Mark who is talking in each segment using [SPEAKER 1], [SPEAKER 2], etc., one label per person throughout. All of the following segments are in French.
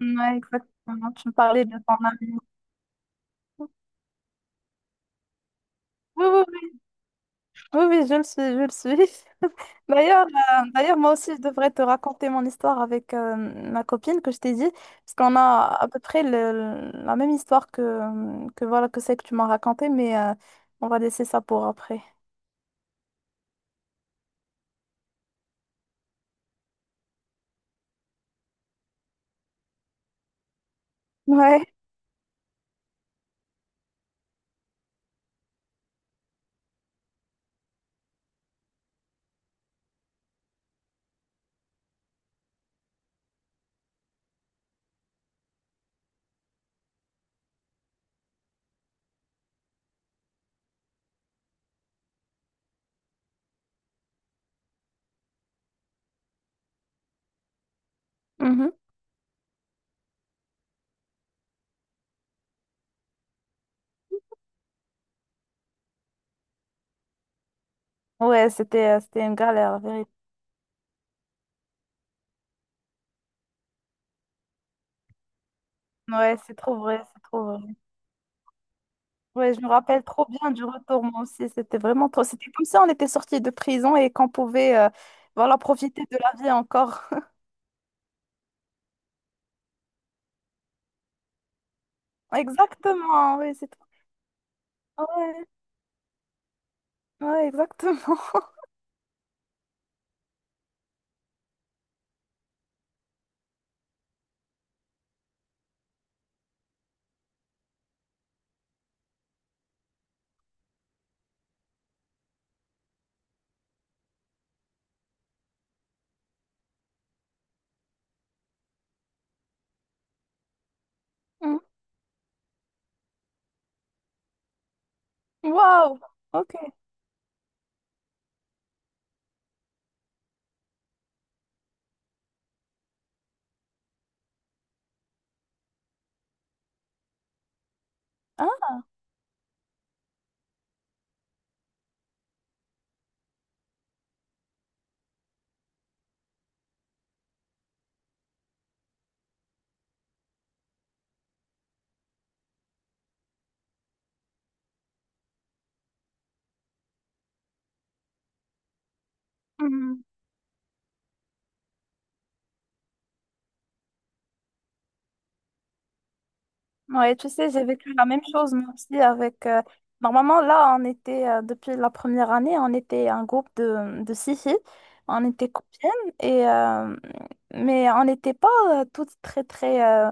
[SPEAKER 1] Ouais, exactement. Tu me parlais de ton ami. Oui, oui, oui, oui, oui, je le suis, je le suis. D'ailleurs, d'ailleurs, moi aussi, je devrais te raconter mon histoire avec ma copine que je t'ai dit, parce qu'on a à peu près la même histoire que voilà que c'est que tu m'as raconté, mais on va laisser ça pour après. Ouais. Mhm. Ouais, c'était, c'était une galère, la vérité. Ouais, c'est trop vrai, c'est trop vrai. Ouais, je me rappelle trop bien du retour, moi aussi. C'était vraiment trop. C'était comme ça, on était sortis de prison et qu'on pouvait voilà, profiter de la vie encore. Exactement, oui, c'est ouais, ouais, exactement. Mm. Waouh, ok. Hein? Mm. Ouais, tu sais, j'ai vécu la même chose, mais aussi avec. Normalement, là, on était, depuis la première année, on était un groupe de six filles. On était copines, et mais on n'était pas toutes très, très,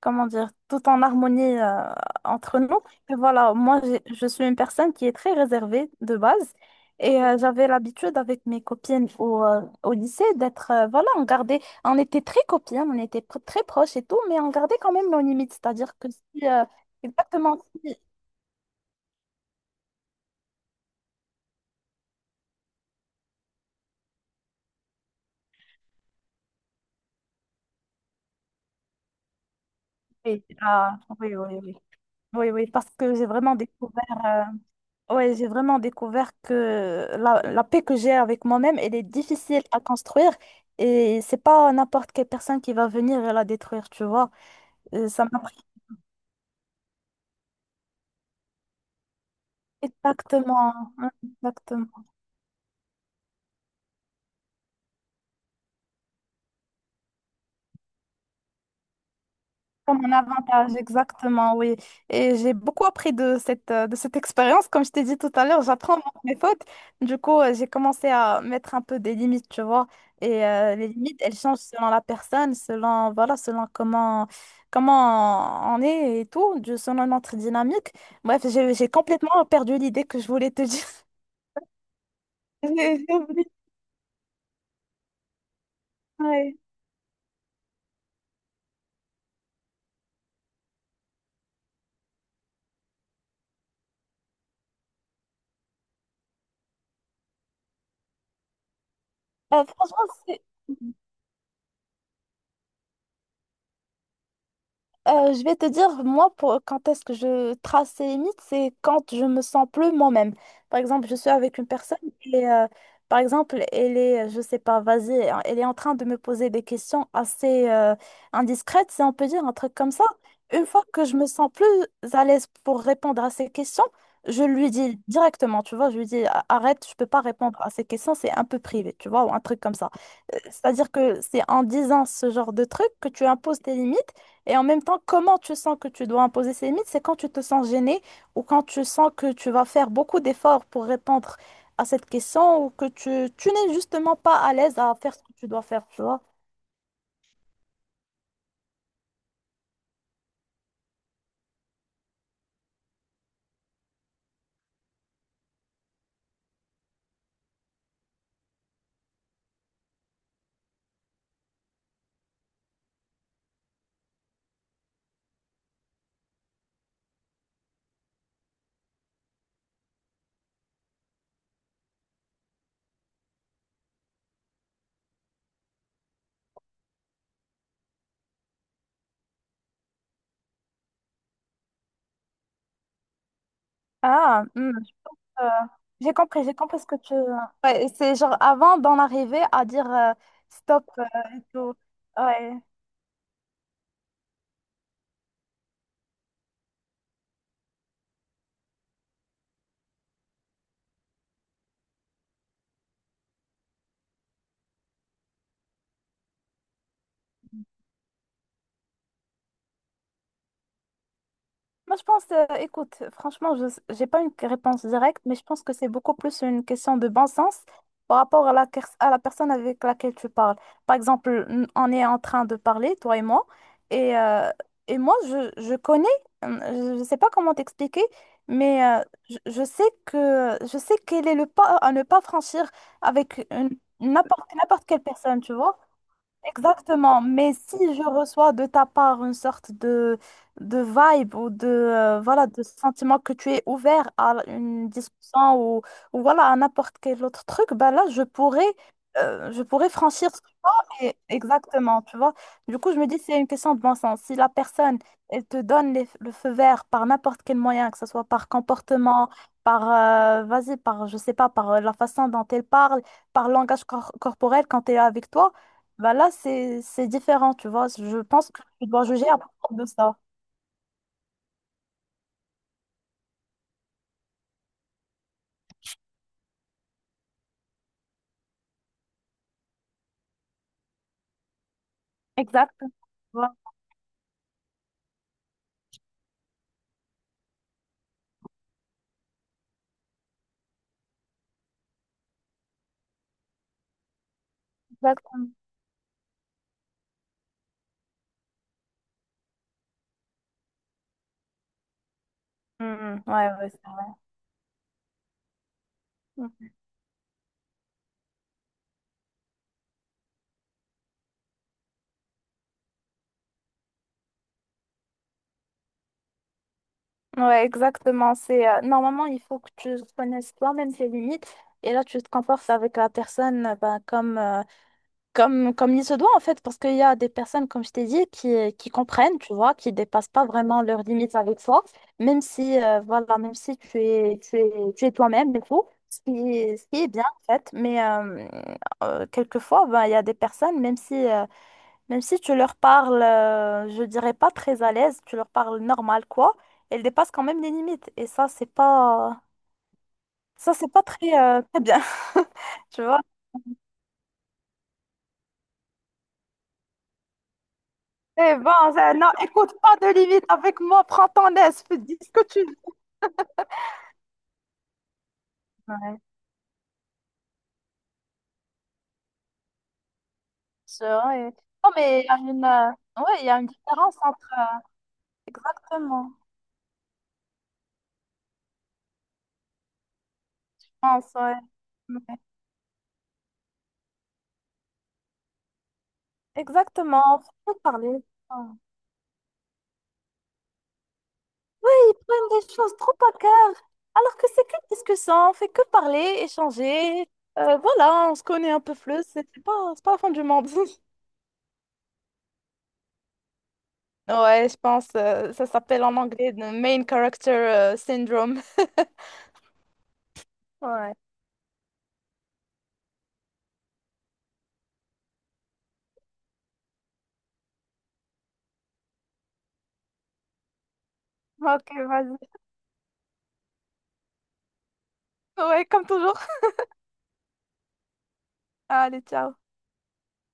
[SPEAKER 1] comment dire, tout en harmonie entre nous. Et voilà, moi, je suis une personne qui est très réservée de base. Et j'avais l'habitude avec mes copines au, au lycée d'être, voilà, on gardait, on était très copines, on était très proches et tout, mais on gardait quand même nos limites. C'est-à-dire que si, exactement si, oui, ah, oui, oui, oui, oui, oui, parce que j'ai vraiment découvert. Ouais, j'ai vraiment découvert que la paix que j'ai avec moi-même, elle est difficile à construire et c'est pas n'importe quelle personne qui va venir et la détruire, tu vois. Ça m'a pris exactement, exactement. Comme un avantage, exactement, oui. Et j'ai beaucoup appris de cette expérience. Comme je t'ai dit tout à l'heure, j'apprends mes fautes. Du coup, j'ai commencé à mettre un peu des limites, tu vois. Et les limites, elles changent selon la personne, selon, voilà, selon comment, comment on est et tout, selon notre dynamique. Bref, j'ai complètement perdu l'idée que je voulais te dire. J'ai oublié. Ouais. Euh, franchement, je vais te dire, moi, pour, quand est-ce que je trace ces limites, c'est quand je me sens plus moi-même. Par exemple, je suis avec une personne et, par exemple, elle est, je sais pas, vas-y, elle est en train de me poser des questions assez indiscrètes, si on peut dire un truc comme ça. Une fois que je me sens plus à l'aise pour répondre à ces questions, je lui dis directement, tu vois, je lui dis, arrête, je peux pas répondre à ces questions, c'est un peu privé, tu vois, ou un truc comme ça. C'est-à-dire que c'est en disant ce genre de truc que tu imposes tes limites et en même temps, comment tu sens que tu dois imposer ces limites, c'est quand tu te sens gêné ou quand tu sens que tu vas faire beaucoup d'efforts pour répondre à cette question ou que tu n'es justement pas à l'aise à faire ce que tu dois faire, tu vois. Ah, hmm, je- euh, j'ai compris ce que tu... Ouais, c'est genre avant d'en arriver à dire stop et tout. Ouais. Moi, je pense, écoute, franchement, je n'ai pas une réponse directe, mais je pense que c'est beaucoup plus une question de bon sens par rapport à la, à la personne avec laquelle tu parles. Par exemple, on est en train de parler, toi et, euh, et moi, je connais, je ne sais pas comment t'expliquer, mais je sais que, je sais quel est le pas à ne pas franchir avec n'importe quelle personne, tu vois. Exactement, mais si je reçois de ta part une sorte de vibe ou de, voilà, de sentiment que tu es ouvert à une discussion ou voilà, à n'importe quel autre truc, ben là, je pourrais franchir exactement, tu vois. Du coup, je me dis, c'est une question de bon sens. Si la personne, elle te donne le feu vert par n'importe quel moyen, que ce soit par comportement, par, vas-y, par, je sais pas, par la façon dont elle parle, par langage corporel quand elle est avec toi, bah là, c'est différent, tu vois. Je pense que tu dois juger à propos de ça. Exact. Ouais, exactement. Mm, ouais, ouais, c'est vrai. Ouais, exactement. C'est normalement il faut que tu connaisses toi-même tes limites et là tu te comportes avec la personne ben, comme comme comme il se doit en fait parce qu'il y a des personnes comme je t'ai dit qui comprennent tu vois qui dépassent pas vraiment leurs limites avec toi même si voilà même si tu es tu es tu es toi-même et tout ce qui est bien en fait mais quelquefois ben il y a des personnes même si tu leur parles, je dirais pas très à l'aise, tu leur parles normal, quoi, elles dépassent quand même les limites. Et ça, c'est pas très, très bien. Tu vois? Eh ben, ça- non, écoute pas de limite avec moi, prends ton aise, fais- dis ce que tu veux. Ouais, c'est vrai. Non, mais il y a une, ouais, il y a une différence entre. Exactement. Je pense, ouais. Ouais. Exactement. Faut parler. Ouais. Ils prennent les choses trop à cœur, alors que c'est que discussion, on fait que parler, échanger. Voilà, on se connaît un peu plus, c'est pas, c'est pas la fin du monde. Ouais, je pense, ça s'appelle en anglais le main character syndrome. Ouais. Ok, vas-y. Ouais, comme toujours. Allez, ciao.